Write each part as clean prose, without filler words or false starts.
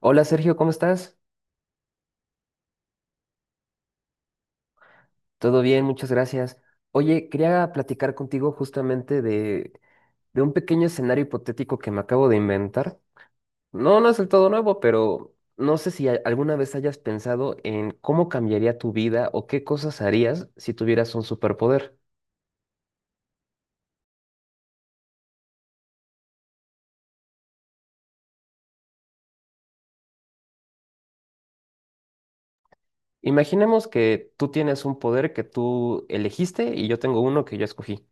Hola Sergio, ¿cómo estás? Todo bien, muchas gracias. Oye, quería platicar contigo justamente de un pequeño escenario hipotético que me acabo de inventar. No es del todo nuevo, pero no sé si alguna vez hayas pensado en cómo cambiaría tu vida o qué cosas harías si tuvieras un superpoder. Imaginemos que tú tienes un poder que tú elegiste y yo tengo uno que yo escogí.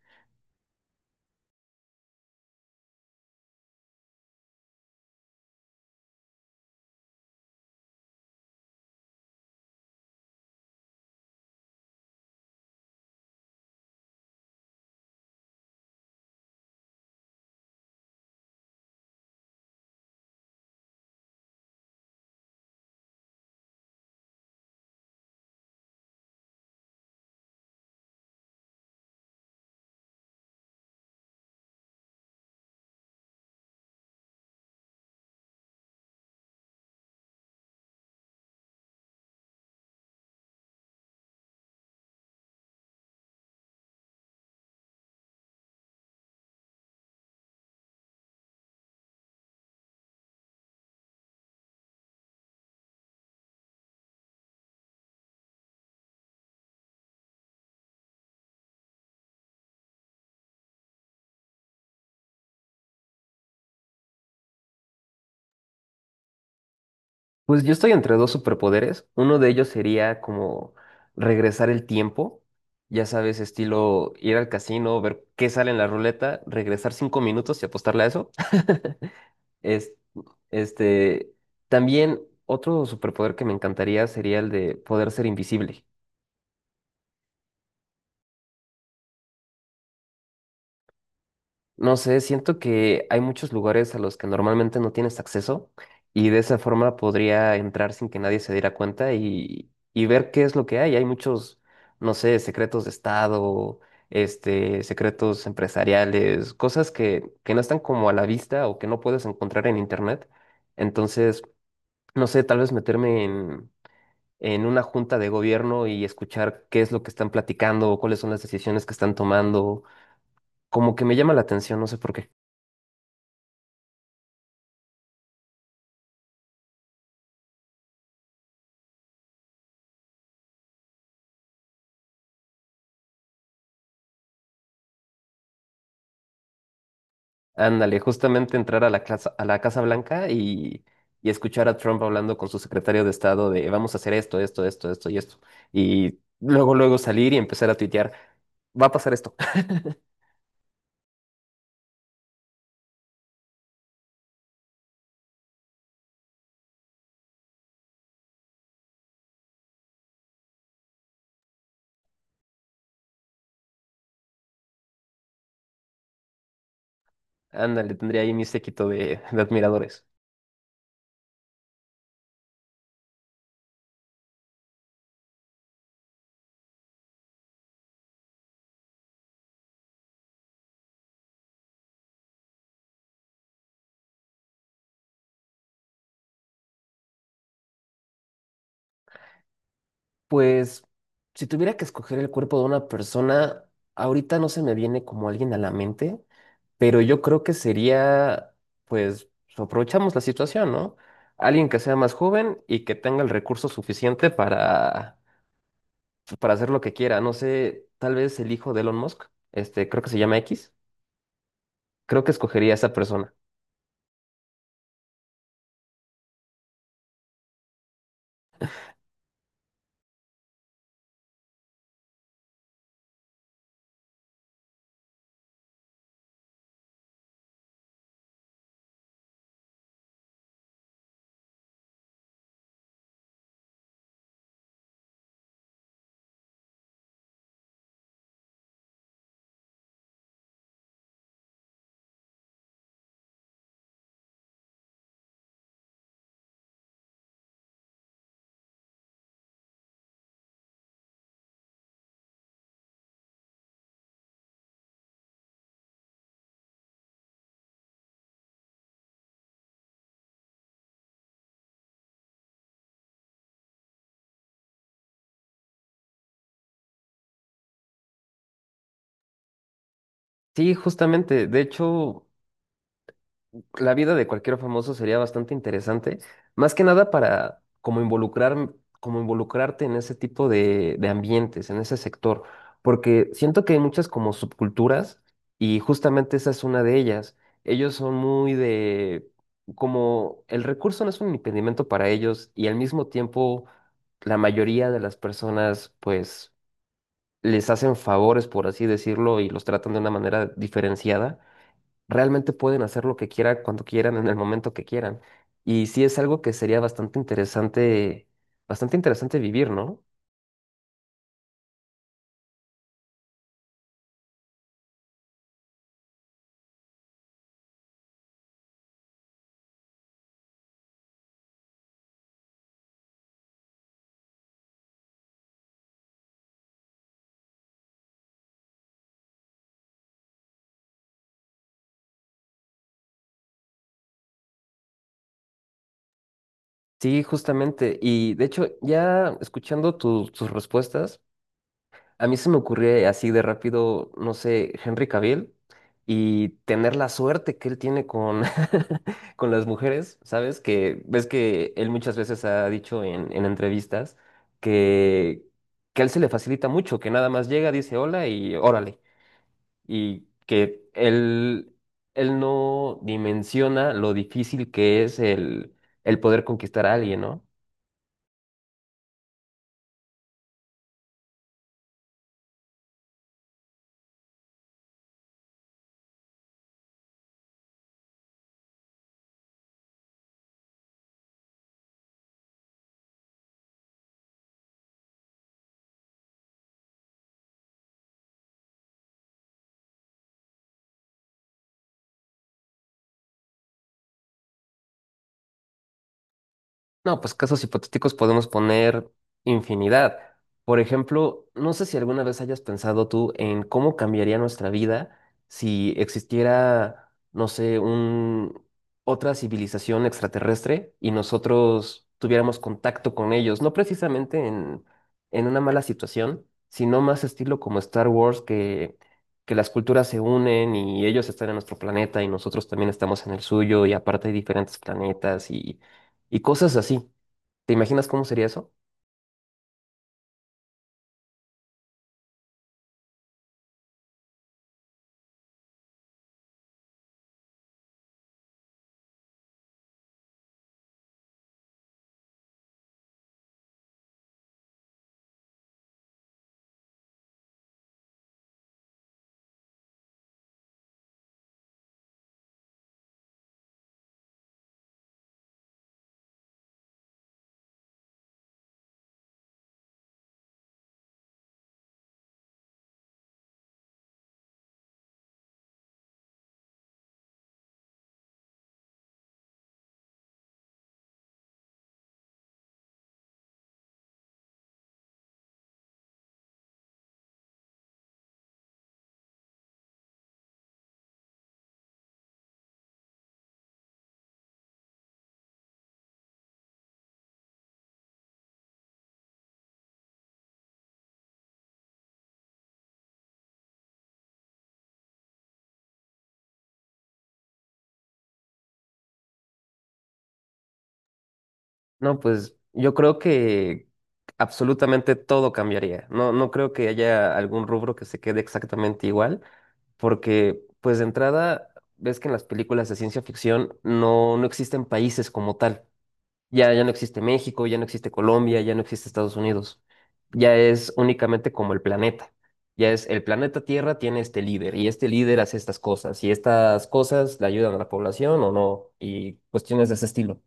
Pues yo estoy entre dos superpoderes. Uno de ellos sería como regresar el tiempo. Ya sabes, estilo ir al casino, ver qué sale en la ruleta, regresar cinco minutos y apostarle a eso. Es- este, también otro superpoder que me encantaría sería el de poder ser invisible. No sé, siento que hay muchos lugares a los que normalmente no tienes acceso y de esa forma podría entrar sin que nadie se diera cuenta y ver qué es lo que hay. Hay muchos, no sé, secretos de estado, secretos empresariales, cosas que no están como a la vista o que no puedes encontrar en internet. Entonces, no sé, tal vez meterme en una junta de gobierno y escuchar qué es lo que están platicando, cuáles son las decisiones que están tomando, como que me llama la atención, no sé por qué. Ándale, justamente entrar a la Casa Blanca y escuchar a Trump hablando con su secretario de Estado de vamos a hacer esto, esto, esto, esto y esto. Y luego salir y empezar a tuitear, va a pasar esto. Ándale, tendría ahí mi séquito de admiradores. Pues, si tuviera que escoger el cuerpo de una persona, ahorita no se me viene como alguien a la mente, pero yo creo que sería, pues, aprovechamos la situación, ¿no? Alguien que sea más joven y que tenga el recurso suficiente para hacer lo que quiera. No sé, tal vez el hijo de Elon Musk, este, creo que se llama X, creo que escogería a esa persona. Sí, justamente, de hecho, la vida de cualquier famoso sería bastante interesante, más que nada para como involucrar, como involucrarte en ese tipo de ambientes, en ese sector, porque siento que hay muchas como subculturas y justamente esa es una de ellas. Ellos son muy de, como el recurso no es un impedimento para ellos y al mismo tiempo la mayoría de las personas pues les hacen favores, por así decirlo, y los tratan de una manera diferenciada realmente pueden hacer lo que quieran, cuando quieran, en el momento que quieran. Y sí es algo que sería bastante interesante vivir, ¿no? Sí, justamente. Y de hecho, ya escuchando tus respuestas, a mí se me ocurrió así de rápido, no sé, Henry Cavill y tener la suerte que él tiene con, con las mujeres, ¿sabes? Que ves que él muchas veces ha dicho en entrevistas que, que a él se le facilita mucho, que nada más llega, dice hola y órale. Y que él no dimensiona lo difícil que es el poder conquistar a alguien, ¿no? No, pues casos hipotéticos podemos poner infinidad. Por ejemplo, no sé si alguna vez hayas pensado tú en cómo cambiaría nuestra vida si existiera, no sé, un otra civilización extraterrestre y nosotros tuviéramos contacto con ellos, no precisamente en una mala situación, sino más estilo como Star Wars, que las culturas se unen y ellos están en nuestro planeta y nosotros también estamos en el suyo y aparte hay diferentes planetas y cosas así. ¿Te imaginas cómo sería eso? No, pues yo creo que absolutamente todo cambiaría. No creo que haya algún rubro que se quede exactamente igual, porque pues de entrada ves que en las películas de ciencia ficción no existen países como tal. Ya no existe México, ya no existe Colombia, ya no existe Estados Unidos. Ya es únicamente como el planeta. Ya es el planeta Tierra tiene este líder y este líder hace estas cosas y estas cosas le ayudan a la población o no y cuestiones de ese estilo.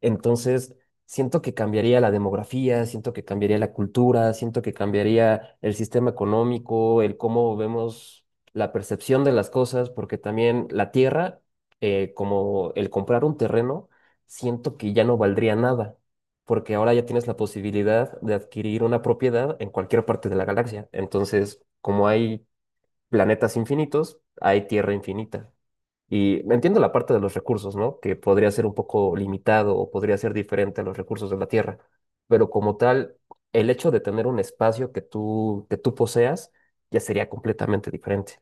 Entonces, siento que cambiaría la demografía, siento que cambiaría la cultura, siento que cambiaría el sistema económico, el cómo vemos la percepción de las cosas, porque también la tierra, como el comprar un terreno, siento que ya no valdría nada, porque ahora ya tienes la posibilidad de adquirir una propiedad en cualquier parte de la galaxia. Entonces, como hay planetas infinitos, hay tierra infinita. Y entiendo la parte de los recursos, ¿no? Que podría ser un poco limitado o podría ser diferente a los recursos de la Tierra, pero como tal, el hecho de tener un espacio que que tú poseas ya sería completamente diferente.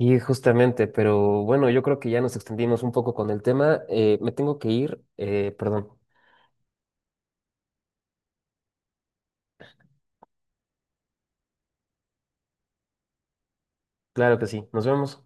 Y justamente, pero bueno, yo creo que ya nos extendimos un poco con el tema. Me tengo que ir, perdón. Claro que sí, nos vemos.